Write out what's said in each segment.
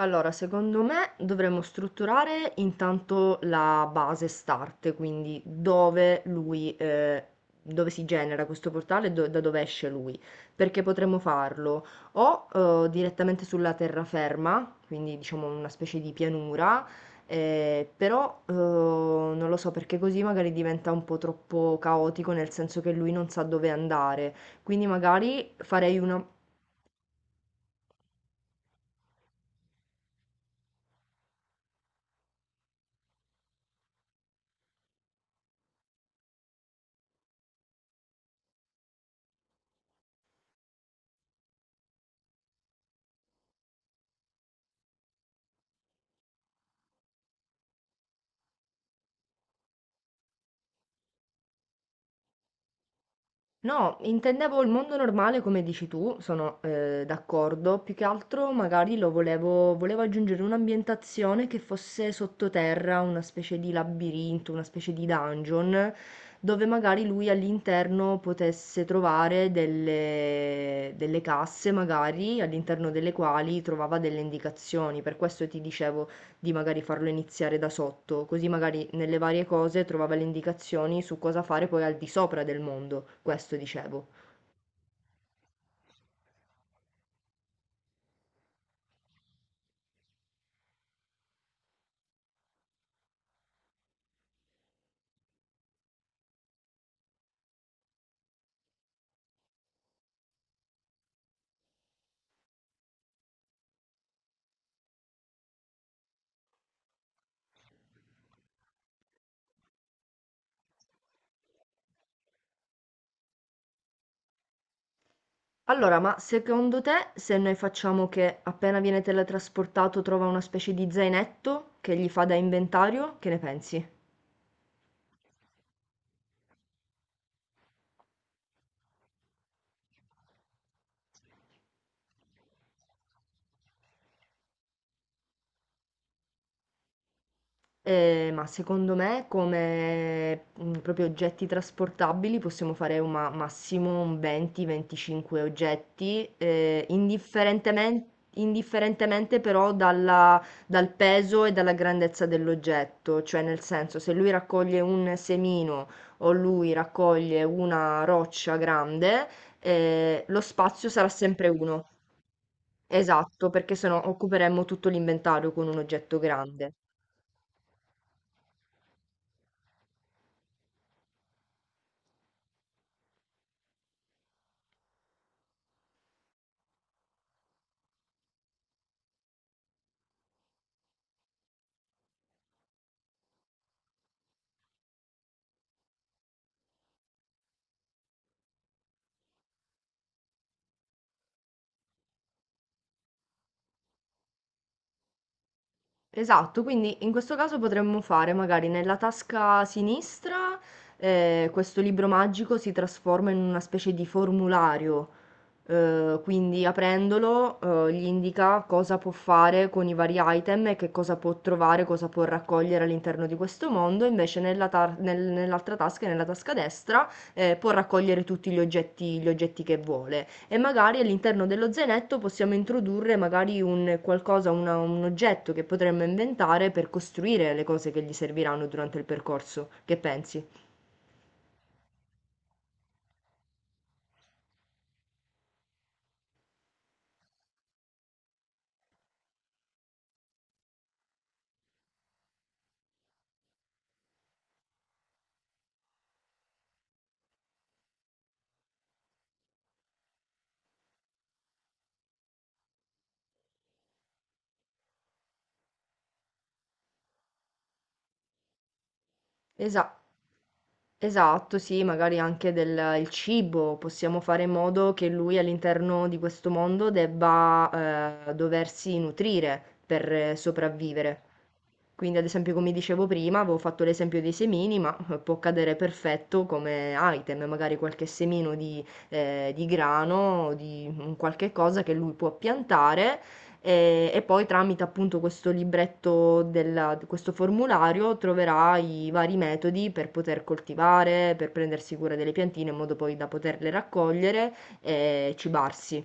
Allora, secondo me dovremmo strutturare intanto la base start, quindi dove lui, dove si genera questo portale e da dove esce lui, perché potremmo farlo o direttamente sulla terraferma, quindi diciamo una specie di pianura, però non lo so perché così magari diventa un po' troppo caotico, nel senso che lui non sa dove andare, quindi magari farei una. No, intendevo il mondo normale come dici tu, sono d'accordo, più che altro magari lo volevo aggiungere un'ambientazione che fosse sottoterra, una specie di labirinto, una specie di dungeon, dove magari lui all'interno potesse trovare delle casse, magari all'interno delle quali trovava delle indicazioni, per questo ti dicevo di magari farlo iniziare da sotto, così magari nelle varie cose trovava le indicazioni su cosa fare poi al di sopra del mondo, questo dicevo. Allora, ma secondo te se noi facciamo che appena viene teletrasportato trova una specie di zainetto che gli fa da inventario, che ne pensi? Ma secondo me come, mhmm, proprio oggetti trasportabili possiamo fare un massimo un 20, 25 oggetti, indifferentemente però dal peso e dalla grandezza dell'oggetto. Cioè nel senso, se lui raccoglie un semino o lui raccoglie una roccia grande, lo spazio sarà sempre uno. Esatto, perché se no occuperemmo tutto l'inventario con un oggetto grande. Esatto, quindi in questo caso potremmo fare magari nella tasca sinistra, questo libro magico si trasforma in una specie di formulario, quindi aprendolo gli indica cosa può fare con i vari item e che cosa può trovare, cosa può raccogliere all'interno di questo mondo, invece nell'altra tasca, nella tasca destra, può raccogliere tutti gli gli oggetti che vuole e magari all'interno dello zainetto possiamo introdurre magari un qualcosa, un oggetto che potremmo inventare per costruire le cose che gli serviranno durante il percorso. Che pensi? Esa esatto, sì, magari anche del il cibo, possiamo fare in modo che lui all'interno di questo mondo debba doversi nutrire per sopravvivere. Quindi, ad esempio, come dicevo prima, avevo fatto l'esempio dei semini, ma può cadere perfetto come item, magari qualche semino di grano, di un qualche cosa che lui può piantare e poi tramite appunto questo libretto questo formulario troverà i vari metodi per poter coltivare, per prendersi cura delle piantine in modo poi da poterle raccogliere e cibarsi.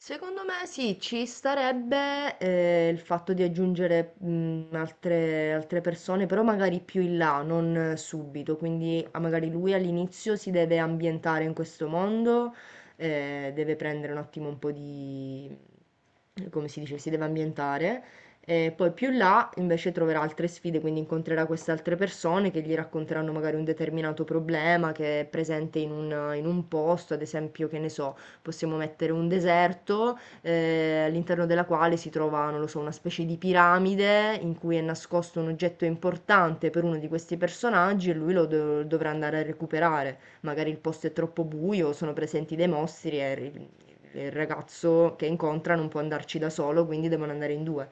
Secondo me sì, ci starebbe il fatto di aggiungere altre persone, però magari più in là, non subito. Quindi ah, magari lui all'inizio si deve ambientare in questo mondo, deve prendere un attimo un po' di, come si dice, si deve ambientare. E poi più in là invece troverà altre sfide, quindi incontrerà queste altre persone che gli racconteranno magari un determinato problema che è presente in un posto, ad esempio, che ne so, possiamo mettere un deserto, all'interno della quale si trova, non lo so, una specie di piramide in cui è nascosto un oggetto importante per uno di questi personaggi e lui dovrà andare a recuperare. Magari il posto è troppo buio, sono presenti dei mostri e il ragazzo che incontra non può andarci da solo, quindi devono andare in due.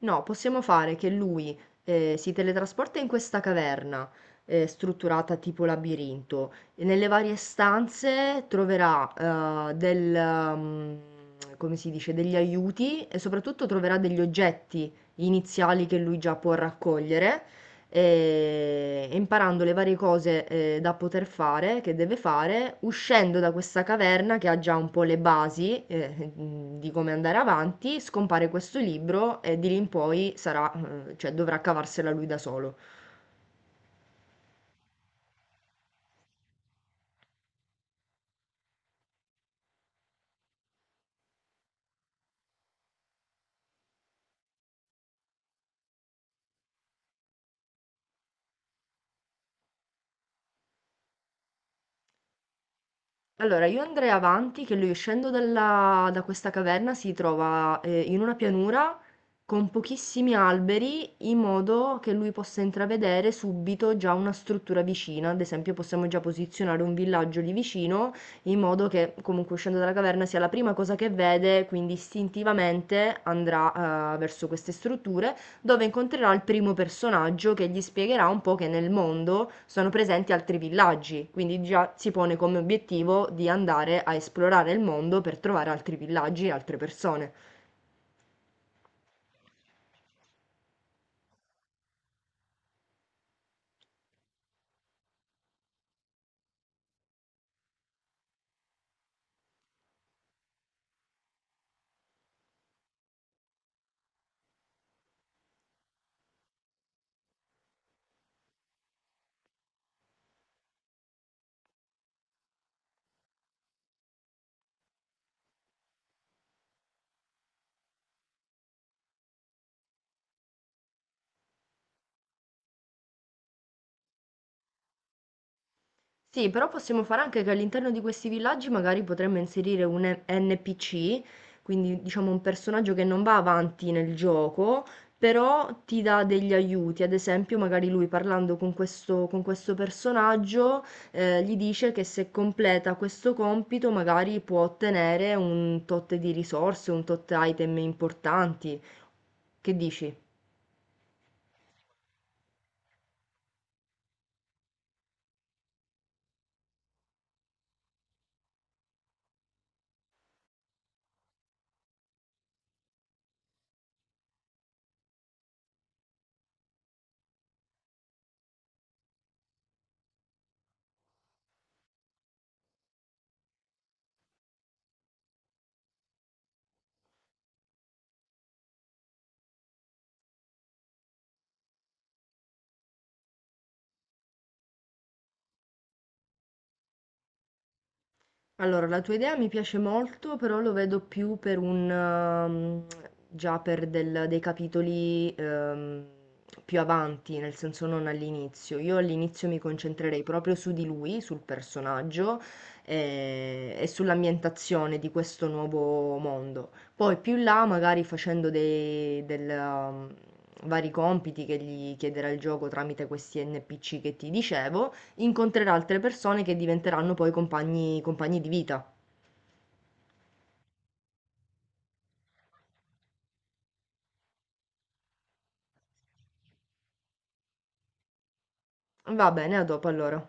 No, possiamo fare che lui si teletrasporta in questa caverna strutturata tipo labirinto e nelle varie stanze troverà mm, come si dice, degli aiuti e soprattutto troverà degli oggetti iniziali che lui già può raccogliere, imparando le varie cose da poter fare, che deve fare, uscendo da questa caverna che ha già un po' le basi, di come andare avanti, scompare questo libro e di lì in poi sarà, cioè, dovrà cavarsela lui da solo. Allora, io andrei avanti che lui uscendo da questa caverna si trova in una pianura con pochissimi alberi, in modo che lui possa intravedere subito già una struttura vicina. Ad esempio, possiamo già posizionare un villaggio lì vicino, in modo che comunque uscendo dalla caverna sia la prima cosa che vede, quindi istintivamente andrà verso queste strutture dove incontrerà il primo personaggio che gli spiegherà un po' che nel mondo sono presenti altri villaggi, quindi già si pone come obiettivo di andare a esplorare il mondo per trovare altri villaggi e altre persone. Sì, però possiamo fare anche che all'interno di questi villaggi magari potremmo inserire un NPC, quindi diciamo un personaggio che non va avanti nel gioco, però ti dà degli aiuti. Ad esempio, magari lui parlando con con questo personaggio, gli dice che se completa questo compito magari può ottenere un tot di risorse, un tot item importanti. Che dici? Allora, la tua idea mi piace molto, però lo vedo più per un, già per dei capitoli, più avanti, nel senso non all'inizio. Io all'inizio mi concentrerei proprio su di lui, sul personaggio, e sull'ambientazione di questo nuovo mondo. Poi più in là, magari facendo vari compiti che gli chiederà il gioco tramite questi NPC che ti dicevo. Incontrerà altre persone che diventeranno poi compagni di vita. Va bene, a dopo allora.